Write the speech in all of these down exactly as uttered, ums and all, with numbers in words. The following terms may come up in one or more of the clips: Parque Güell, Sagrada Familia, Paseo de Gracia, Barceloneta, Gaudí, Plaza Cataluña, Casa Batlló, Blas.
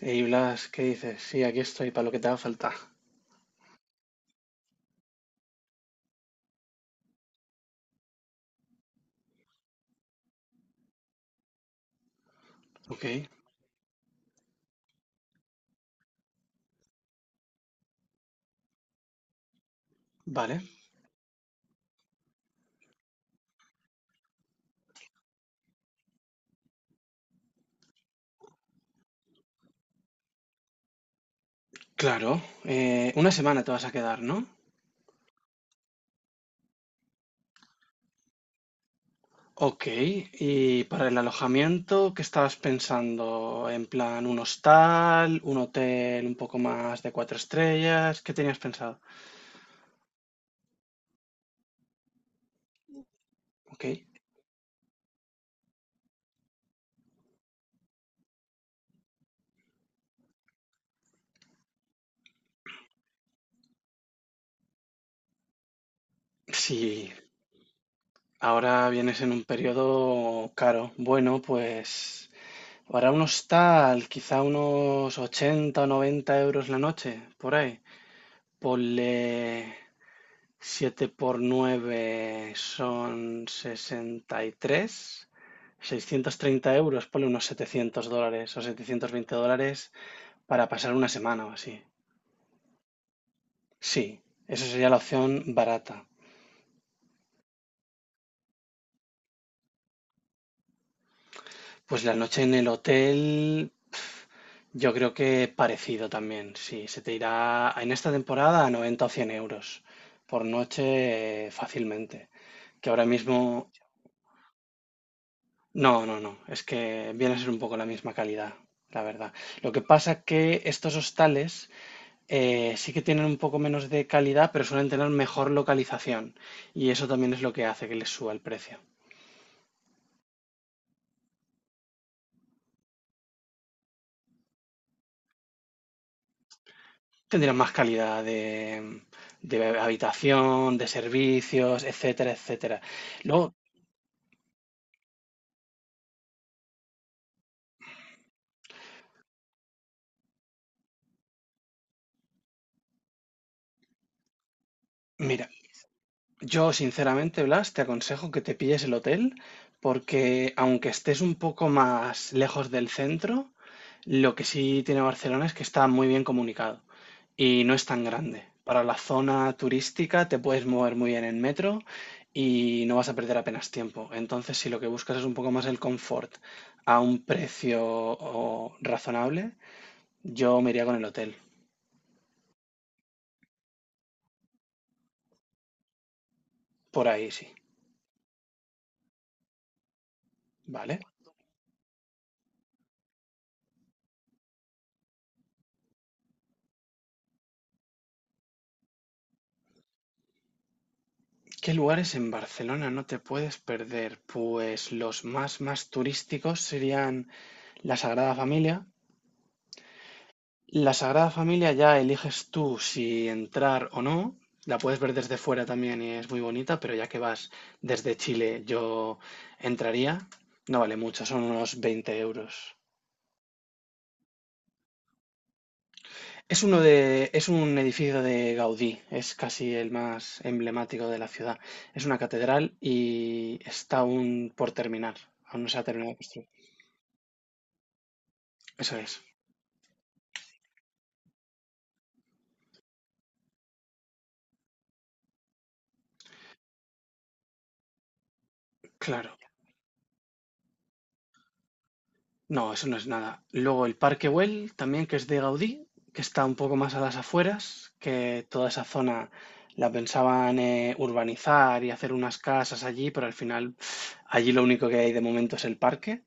Y Blas, ¿qué dices? Sí, aquí estoy para lo que te haga falta. Ok, vale. Claro, eh, una semana te vas a quedar, ¿no? Ok, y para el alojamiento, ¿qué estabas pensando? ¿En plan un hostal, un hotel un poco más de cuatro estrellas? ¿Qué tenías pensado? Ok, si ahora vienes en un periodo caro, bueno, pues para un hostal, quizá unos ochenta, o noventa euros la noche, por ahí. Ponle siete por nueve son sesenta y tres, seiscientos treinta euros, ponle unos setecientos dólares o setecientos veinte dólares para pasar una semana o así. Sí, esa sería la opción barata. Pues la noche en el hotel, yo creo que parecido también. Sí, se te irá en esta temporada a noventa o cien euros por noche eh, fácilmente. Que ahora mismo. No, no, no. Es que viene a ser un poco la misma calidad, la verdad. Lo que pasa que estos hostales eh, sí que tienen un poco menos de calidad, pero suelen tener mejor localización. Y eso también es lo que hace que les suba el precio. Tendrán más calidad de, de habitación, de servicios, etcétera, etcétera. Luego, mira, yo, sinceramente, Blas, te aconsejo que te pilles el hotel porque aunque estés un poco más lejos del centro, lo que sí tiene Barcelona es que está muy bien comunicado y no es tan grande. Para la zona turística te puedes mover muy bien en metro y no vas a perder apenas tiempo. Entonces, si lo que buscas es un poco más el confort a un precio o, razonable, yo me iría con el hotel. Por ahí sí, ¿vale? ¿Qué lugares en Barcelona no te puedes perder? Pues los más más turísticos serían la Sagrada Familia. La Sagrada Familia ya eliges tú si entrar o no. La puedes ver desde fuera también y es muy bonita, pero ya que vas desde Chile, yo entraría. No vale mucho, son unos veinte euros. Es uno de, es un edificio de Gaudí, es casi el más emblemático de la ciudad. Es una catedral y está aún por terminar, aún no se ha terminado de construir. Eso es, claro. No, eso no es nada. Luego el Parque Güell, también que es de Gaudí, que está un poco más a las afueras, que toda esa zona la pensaban eh, urbanizar y hacer unas casas allí, pero al final allí lo único que hay de momento es el parque,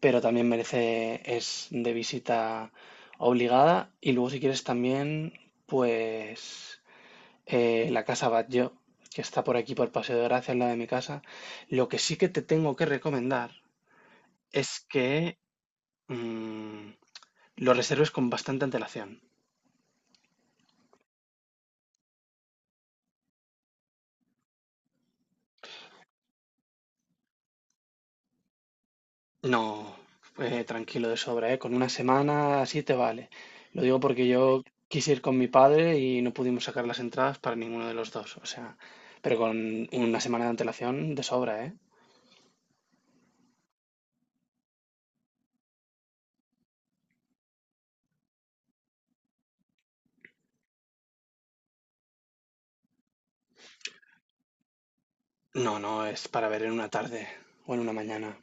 pero también merece, es de visita obligada. Y luego si quieres también, pues eh, la Casa Batlló, que está por aquí por Paseo de Gracia, al lado de mi casa. Lo que sí que te tengo que recomendar es que Mm, lo reserves con bastante antelación. No, eh, tranquilo de sobra, ¿eh? Con una semana así te vale. Lo digo porque yo quise ir con mi padre y no pudimos sacar las entradas para ninguno de los dos. O sea, pero con una semana de antelación de sobra, ¿eh? No, no, es para ver en una tarde o en una mañana.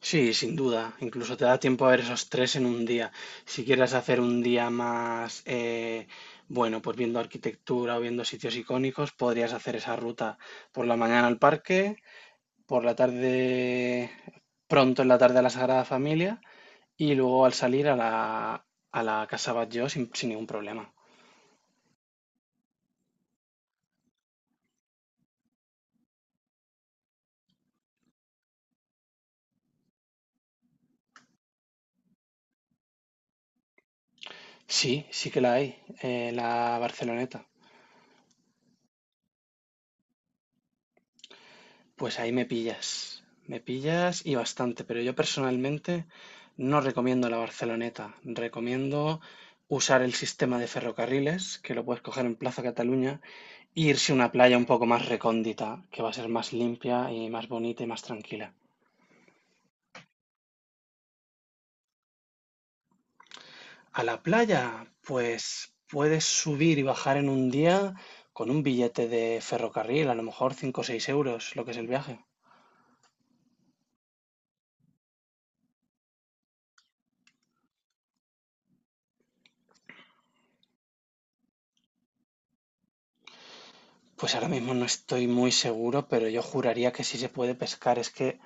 Sí, sin duda. Incluso te da tiempo a ver esos tres en un día. Si quieres hacer un día más, eh, bueno, pues viendo arquitectura o viendo sitios icónicos, podrías hacer esa ruta por la mañana al parque, por la tarde, pronto en la tarde a la Sagrada Familia y luego al salir a la, a la Casa Batlló sin, sin ningún problema. Sí, sí que la hay, eh, la Barceloneta. Pues ahí me pillas, me pillas y bastante, pero yo personalmente no recomiendo la Barceloneta, recomiendo usar el sistema de ferrocarriles, que lo puedes coger en Plaza Cataluña, e irse a una playa un poco más recóndita, que va a ser más limpia y más bonita y más tranquila. A la playa, pues puedes subir y bajar en un día con un billete de ferrocarril, a lo mejor cinco o seis euros, lo que es el viaje. Pues ahora mismo no estoy muy seguro, pero yo juraría que sí se puede pescar. Es que.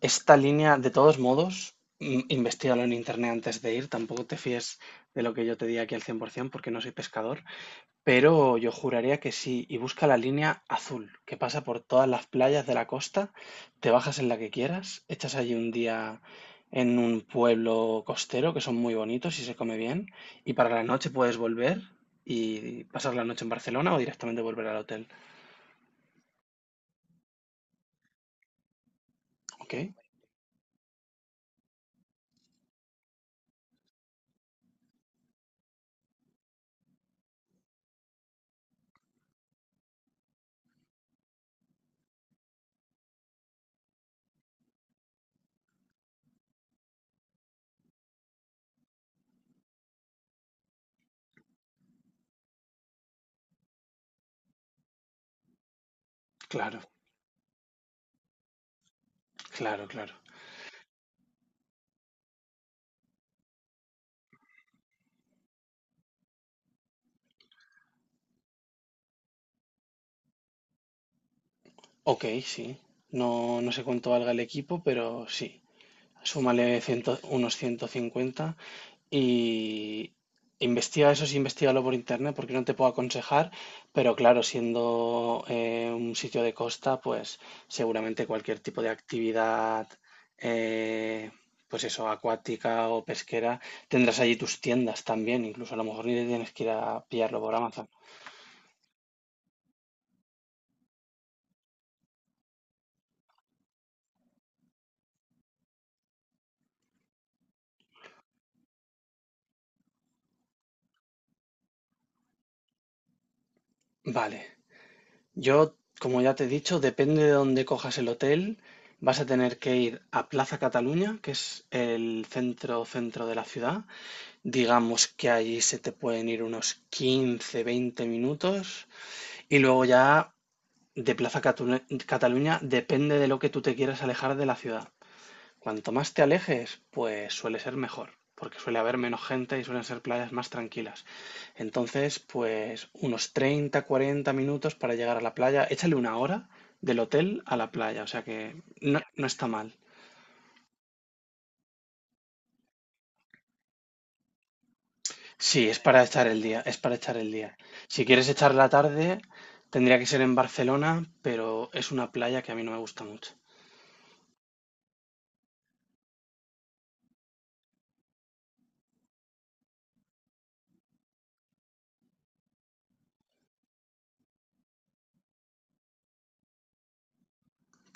Esta línea, de todos modos, mm, investígalo en internet antes de ir. Tampoco te fíes de lo que yo te diga aquí al cien por ciento porque no soy pescador. Pero yo juraría que sí. Y busca la línea azul que pasa por todas las playas de la costa. Te bajas en la que quieras. Echas allí un día en un pueblo costero que son muy bonitos y se come bien. Y para la noche puedes volver y pasar la noche en Barcelona o directamente volver al hotel. ¿Ok? Claro, claro, claro. Ok, sí. No, no sé cuánto valga el equipo, pero sí. Súmale ciento- unos ciento cincuenta y investiga eso, sí, investigalo por internet, porque no te puedo aconsejar, pero claro, siendo eh, un sitio de costa, pues seguramente cualquier tipo de actividad, eh, pues eso, acuática o pesquera, tendrás allí tus tiendas también, incluso a lo mejor ni te tienes que ir a pillarlo por Amazon. Vale. Yo, como ya te he dicho, depende de dónde cojas el hotel, vas a tener que ir a Plaza Cataluña, que es el centro centro de la ciudad. Digamos que allí se te pueden ir unos quince, veinte minutos. Y luego ya de Plaza Catu- Cataluña depende de lo que tú te quieras alejar de la ciudad. Cuanto más te alejes, pues suele ser mejor, porque suele haber menos gente y suelen ser playas más tranquilas. Entonces, pues unos treinta, cuarenta minutos para llegar a la playa. Échale una hora del hotel a la playa, o sea que no, no está mal. Sí, es para echar el día, es para echar el día. Si quieres echar la tarde, tendría que ser en Barcelona, pero es una playa que a mí no me gusta mucho.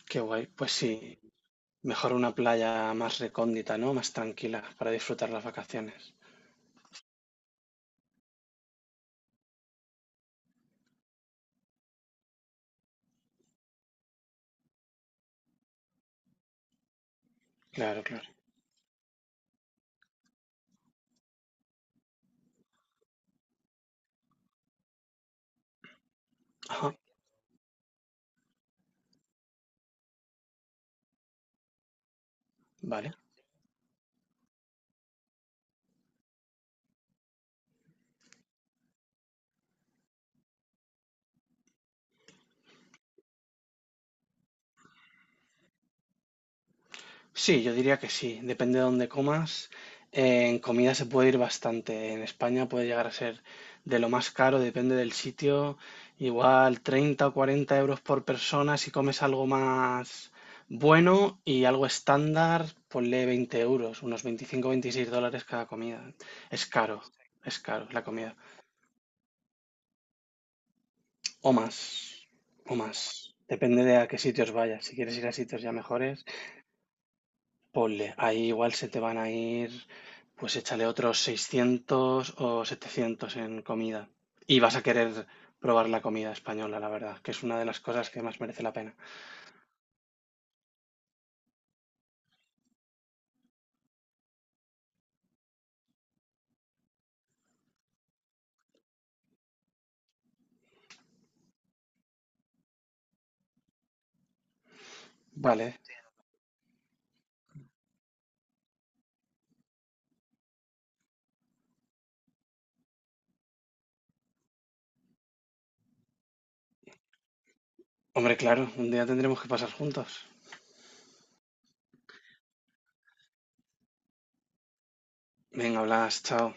Qué guay, pues sí, mejor una playa más recóndita, ¿no? Más tranquila para disfrutar las vacaciones. Claro, claro. Vale. Sí, yo diría que sí. Depende de dónde comas. Eh, en comida se puede ir bastante. En España puede llegar a ser de lo más caro, depende del sitio. Igual treinta o cuarenta euros por persona si comes algo más bueno y algo estándar, ponle veinte euros, unos veinticinco, o veintiséis dólares cada comida. Es caro, es caro la comida. O más, o más. Depende de a qué sitios vayas. Si quieres ir a sitios ya mejores. Ponle, ahí igual se te van a ir, pues échale otros seiscientos o setecientos en comida. Y vas a querer probar la comida española, la verdad, que es una de las cosas que más merece la pena. Vale. Vale. Hombre, claro, un día tendremos que pasar juntos. Venga, Blas, chao.